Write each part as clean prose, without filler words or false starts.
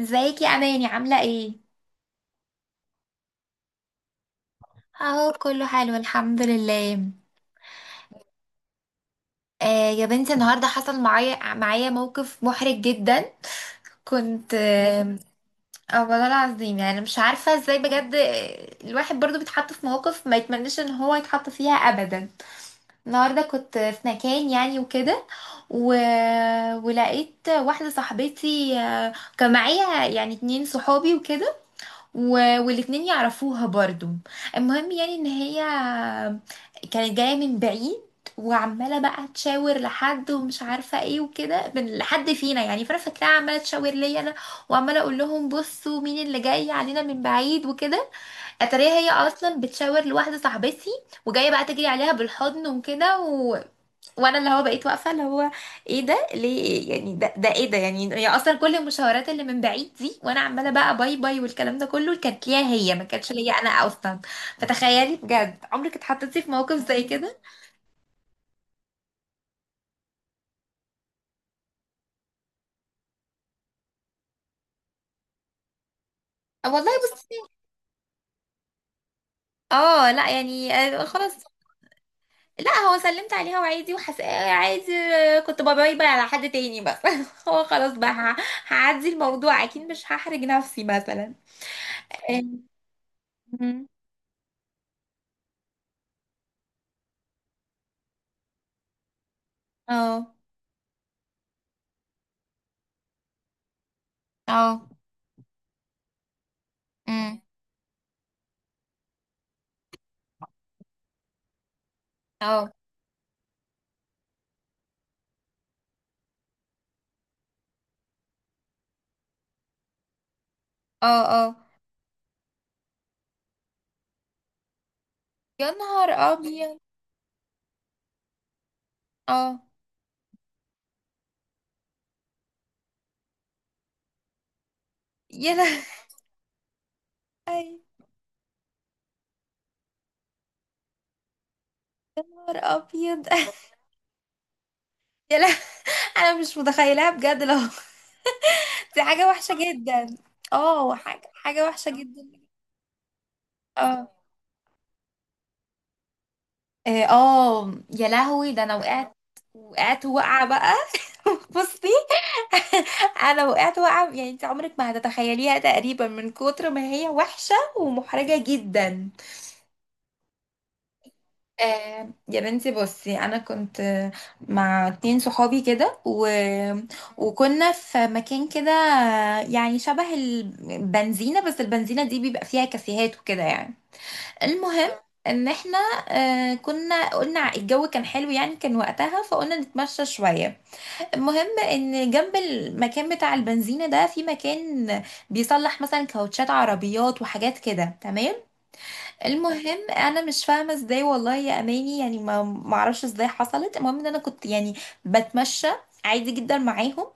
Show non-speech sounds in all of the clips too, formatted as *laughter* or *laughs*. ازيك يا اماني؟ عامله ايه؟ اهو كله حلو الحمد لله. آه يا بنتي النهارده حصل معايا موقف محرج جدا. كنت والله العظيم، يعني مش عارفه ازاي بجد. الواحد برضو بيتحط في مواقف ما يتمناش ان هو يتحط فيها ابدا. النهارده كنت في مكان يعني وكده و... ولقيت واحده صاحبتي. كان معايا يعني اتنين صحابي وكده و... والاتنين يعرفوها برضو. المهم يعني ان هي كانت جاية من بعيد، وعمالة بقى تشاور لحد ومش عارفة ايه وكده من لحد فينا، يعني فانا فاكراها عمالة تشاور ليا انا، وعمالة اقول لهم بصوا مين اللي جاي علينا من بعيد وكده. اتاريها هي اصلا بتشاور لواحدة صاحبتي وجاية بقى تجري عليها بالحضن وكده وانا اللي هو بقيت واقفه اللي هو ايه ده، ليه يعني، ده ايه ده، يعني هي اصلا كل المشاورات اللي من بعيد دي وانا عماله بقى باي باي والكلام ده كله كانت ليها هي، ما كانتش ليا انا اصلا. فتخيلي بجد، عمرك اتحطيتي في موقف زي كده؟ والله بص، اه لا يعني خلاص. لا هو سلمت عليها وعادي وحس، عادي. كنت باي باي على حد تاني بس. *laughs* هو خلاص بقى هعدي الموضوع، اكيد مش هحرج نفسي مثلا. اه. اه. اه. أمم. اه. اه. اه. يا نهار ابيض. اه. يا لا. اي. نهار ابيض. *laughs* يا لا، انا مش متخيلاها بجد. لو *laughs* دي حاجه وحشه جدا. اه حاجه، حاجه وحشه جدا. اه. إيه، اه. يا لهوي، ده انا وقعت، وقعت وقعه بقى. *laughs* بصي. *laughs* انا وقعت وقعه يعني انت عمرك ما هتتخيليها تقريبا، من كتر ما هي وحشه ومحرجه جدا. آه يا بنتي بصي، انا كنت مع اتنين صحابي كده وكنا في مكان كده، يعني شبه البنزينة، بس البنزينة دي بيبقى فيها كافيهات وكده يعني. المهم ان احنا، كنا قلنا الجو كان حلو يعني، كان وقتها فقلنا نتمشى شوية. المهم ان جنب المكان بتاع البنزينة ده في مكان بيصلح مثلا كاوتشات عربيات وحاجات كده، تمام. المهم انا مش فاهمه ازاي والله يا اماني، يعني ما اعرفش ازاي حصلت. المهم ان انا كنت يعني بتمشى عادي جدا معاهم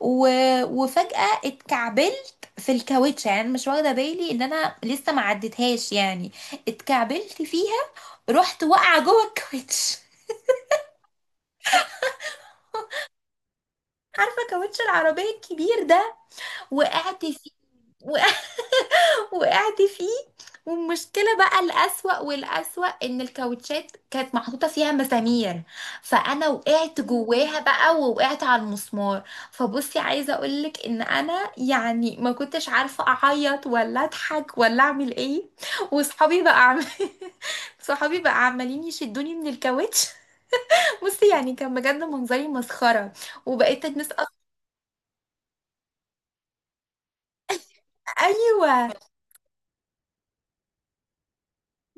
و... وفجاه اتكعبلت في الكاوتش، يعني أنا مش واخده بالي ان انا لسه ما عدتهاش يعني. اتكعبلت فيها، رحت واقعه جوه الكاوتش. *laughs* عارفه كاوتش العربيه الكبير ده؟ وقعت فيه، وقعت فيه. والمشكلة بقى الأسوأ والأسوأ، إن الكاوتشات كانت محطوطة فيها مسامير، فأنا وقعت جواها بقى ووقعت على المسمار. فبصي، عايزة أقولك إن أنا يعني ما كنتش عارفة أعيط ولا أضحك ولا أعمل إيه. وصحابي بقى *laughs* صحابي بقى عمالين يشدوني من الكاوتش. *laughs* بصي يعني كان بجد منظري مسخرة، وبقيت الناس أصلا. أيوه.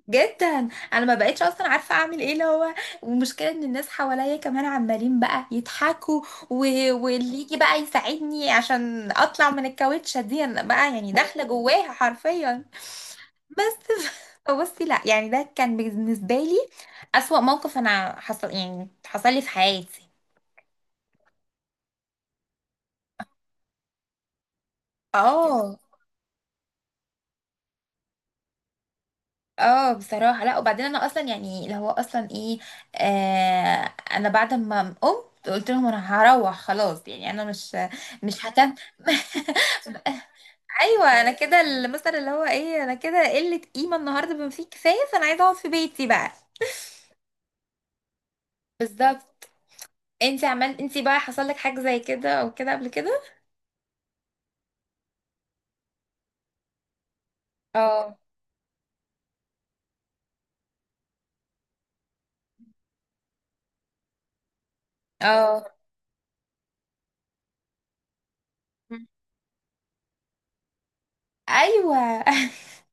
جدا، انا ما بقتش اصلا عارفه اعمل ايه اللي هو. والمشكله ان الناس حواليا كمان عمالين بقى يضحكوا و... واللي يجي بقى يساعدني عشان اطلع من الكاوتشه دي، أنا بقى يعني داخله جواها حرفيا. بس *laughs* بصي لا يعني، ده كان بالنسبه لي اسوأ موقف انا حصل يعني حصل لي في حياتي. اه. اه بصراحه. لا وبعدين انا اصلا يعني اللي هو اصلا ايه، انا بعد ما قمت قلت لهم انا هروح خلاص، يعني انا مش هكمل. ايوه انا كده، المثل اللي هو ايه، انا كده قله قيمه النهارده بما فيه كفايه، فانا عايزه اقعد في بيتي بقى. بالظبط. انت عملت، انت بقى حصل لك حاجه زي كده او كده قبل كده؟ اه. اه. مم. ايوه. *laughs*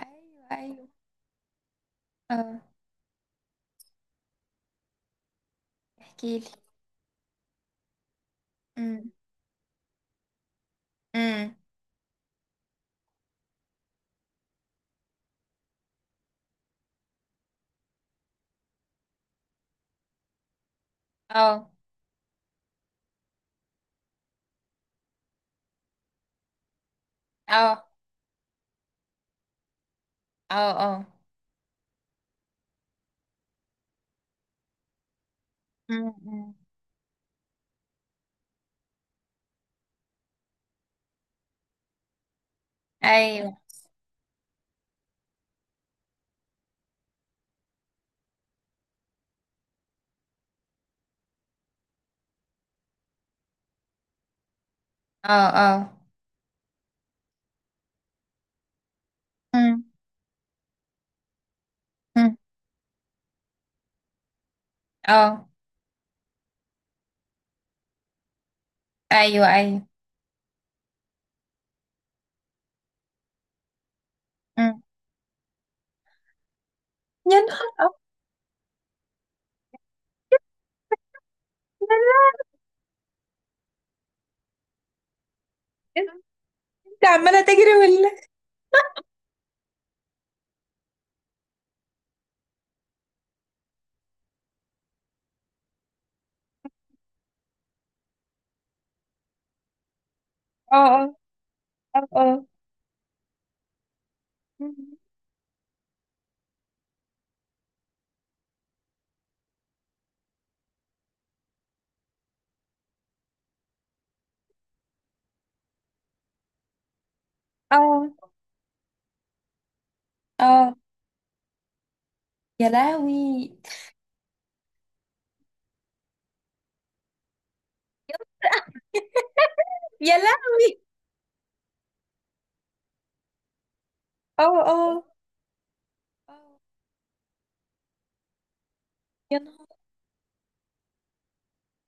ايوه ايوه. اه، احكي لي. امم. امم. اه. اه. اه. اه. مم، مم. ايوه. اه. اه. مم، مم. اه. ايوه ايوه. مم. يا نهار أبيض، انت عماله تجري ولا؟ اه. اه. اه. اه. اه. اه. يا لهوي. يا لهوي. اه. اه. آه. يا نهار.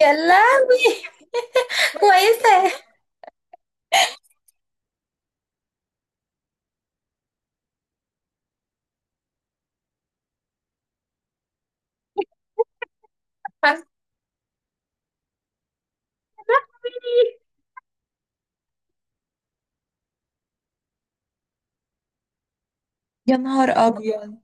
يا لهوي. *laughs* كويسة. يا نهار أبيض.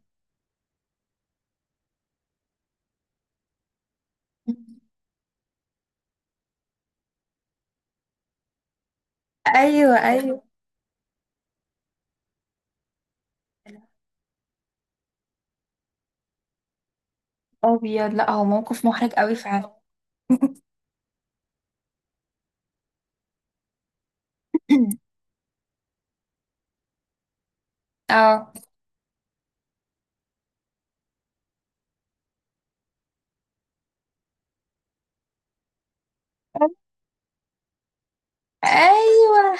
أيوه أيوه. أبيض، لا هو موقف محرج قوي فعلا. *clears throat* اه. أيوه.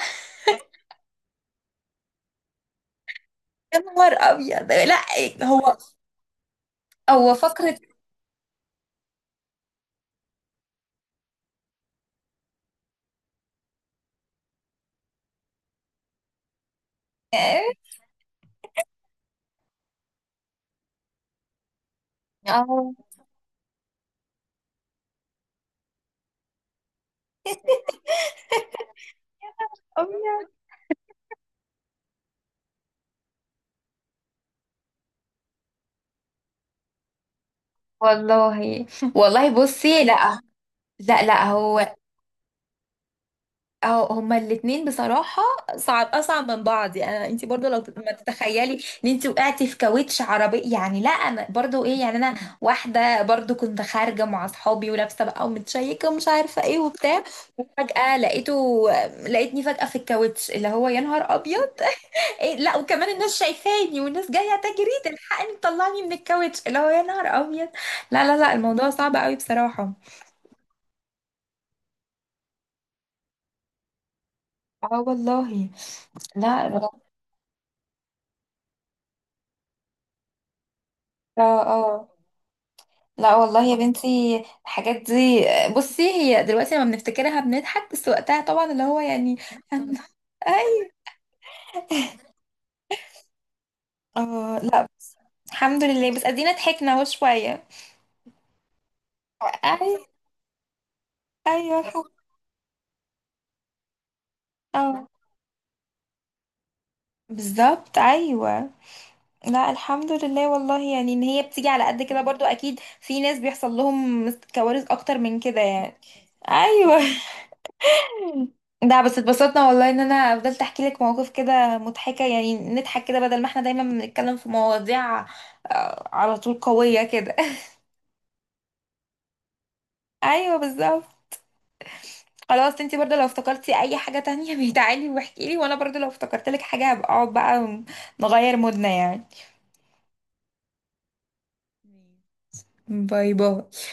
يا نهار أبيض. لا. هو. هو فكرة. اه. أبيض. والله، والله بصي لا. لا لا هو. اه، هما الاتنين بصراحة صعب، أصعب من بعض. يعني انتي برضو لو ما تتخيلي ان انتي وقعتي في كاوتش عربي، يعني. لا أنا برضو ايه، يعني أنا واحدة برضو كنت خارجة مع أصحابي ولابسة بقى ومتشيكة ومش عارفة ايه وبتاع، فجأة لقيته، لقيتني فجأة في الكاوتش، اللي هو يا نهار أبيض. *laughs* إيه، لا وكمان الناس شايفاني والناس جاية تجري تلحقني تطلعني من الكاوتش، اللي هو يا نهار أبيض. لا لا لا، الموضوع صعب قوي بصراحة. اه والله. لا. اه. اه. لا والله يا بنتي الحاجات دي، بصي هي دلوقتي لما بنفتكرها بنضحك، بس وقتها طبعا اللي هو يعني. *laughs* اي. اه. لا الحمد لله، بس ادينا ضحكنا اهو شويه. اي. ايوه الحمد. اه بالظبط، ايوه. لا الحمد لله والله، يعني ان هي بتيجي على قد كده برضو، اكيد في ناس بيحصل لهم كوارث اكتر من كده يعني. ايوه. ده بس اتبسطنا والله ان انا فضلت احكي لك مواقف كده مضحكة، يعني نضحك كده بدل ما احنا دايما بنتكلم في مواضيع على طول قوية كده. *laughs* ايوه بالظبط. خلاص انتي برضه لو افتكرتي اي حاجة تانية *laughs* بيتعالي واحكي لي، وانا برضه لو افتكرت لك حاجة هبقى اقعد بقى نغير مودنا يعني. ماشي. باي باي.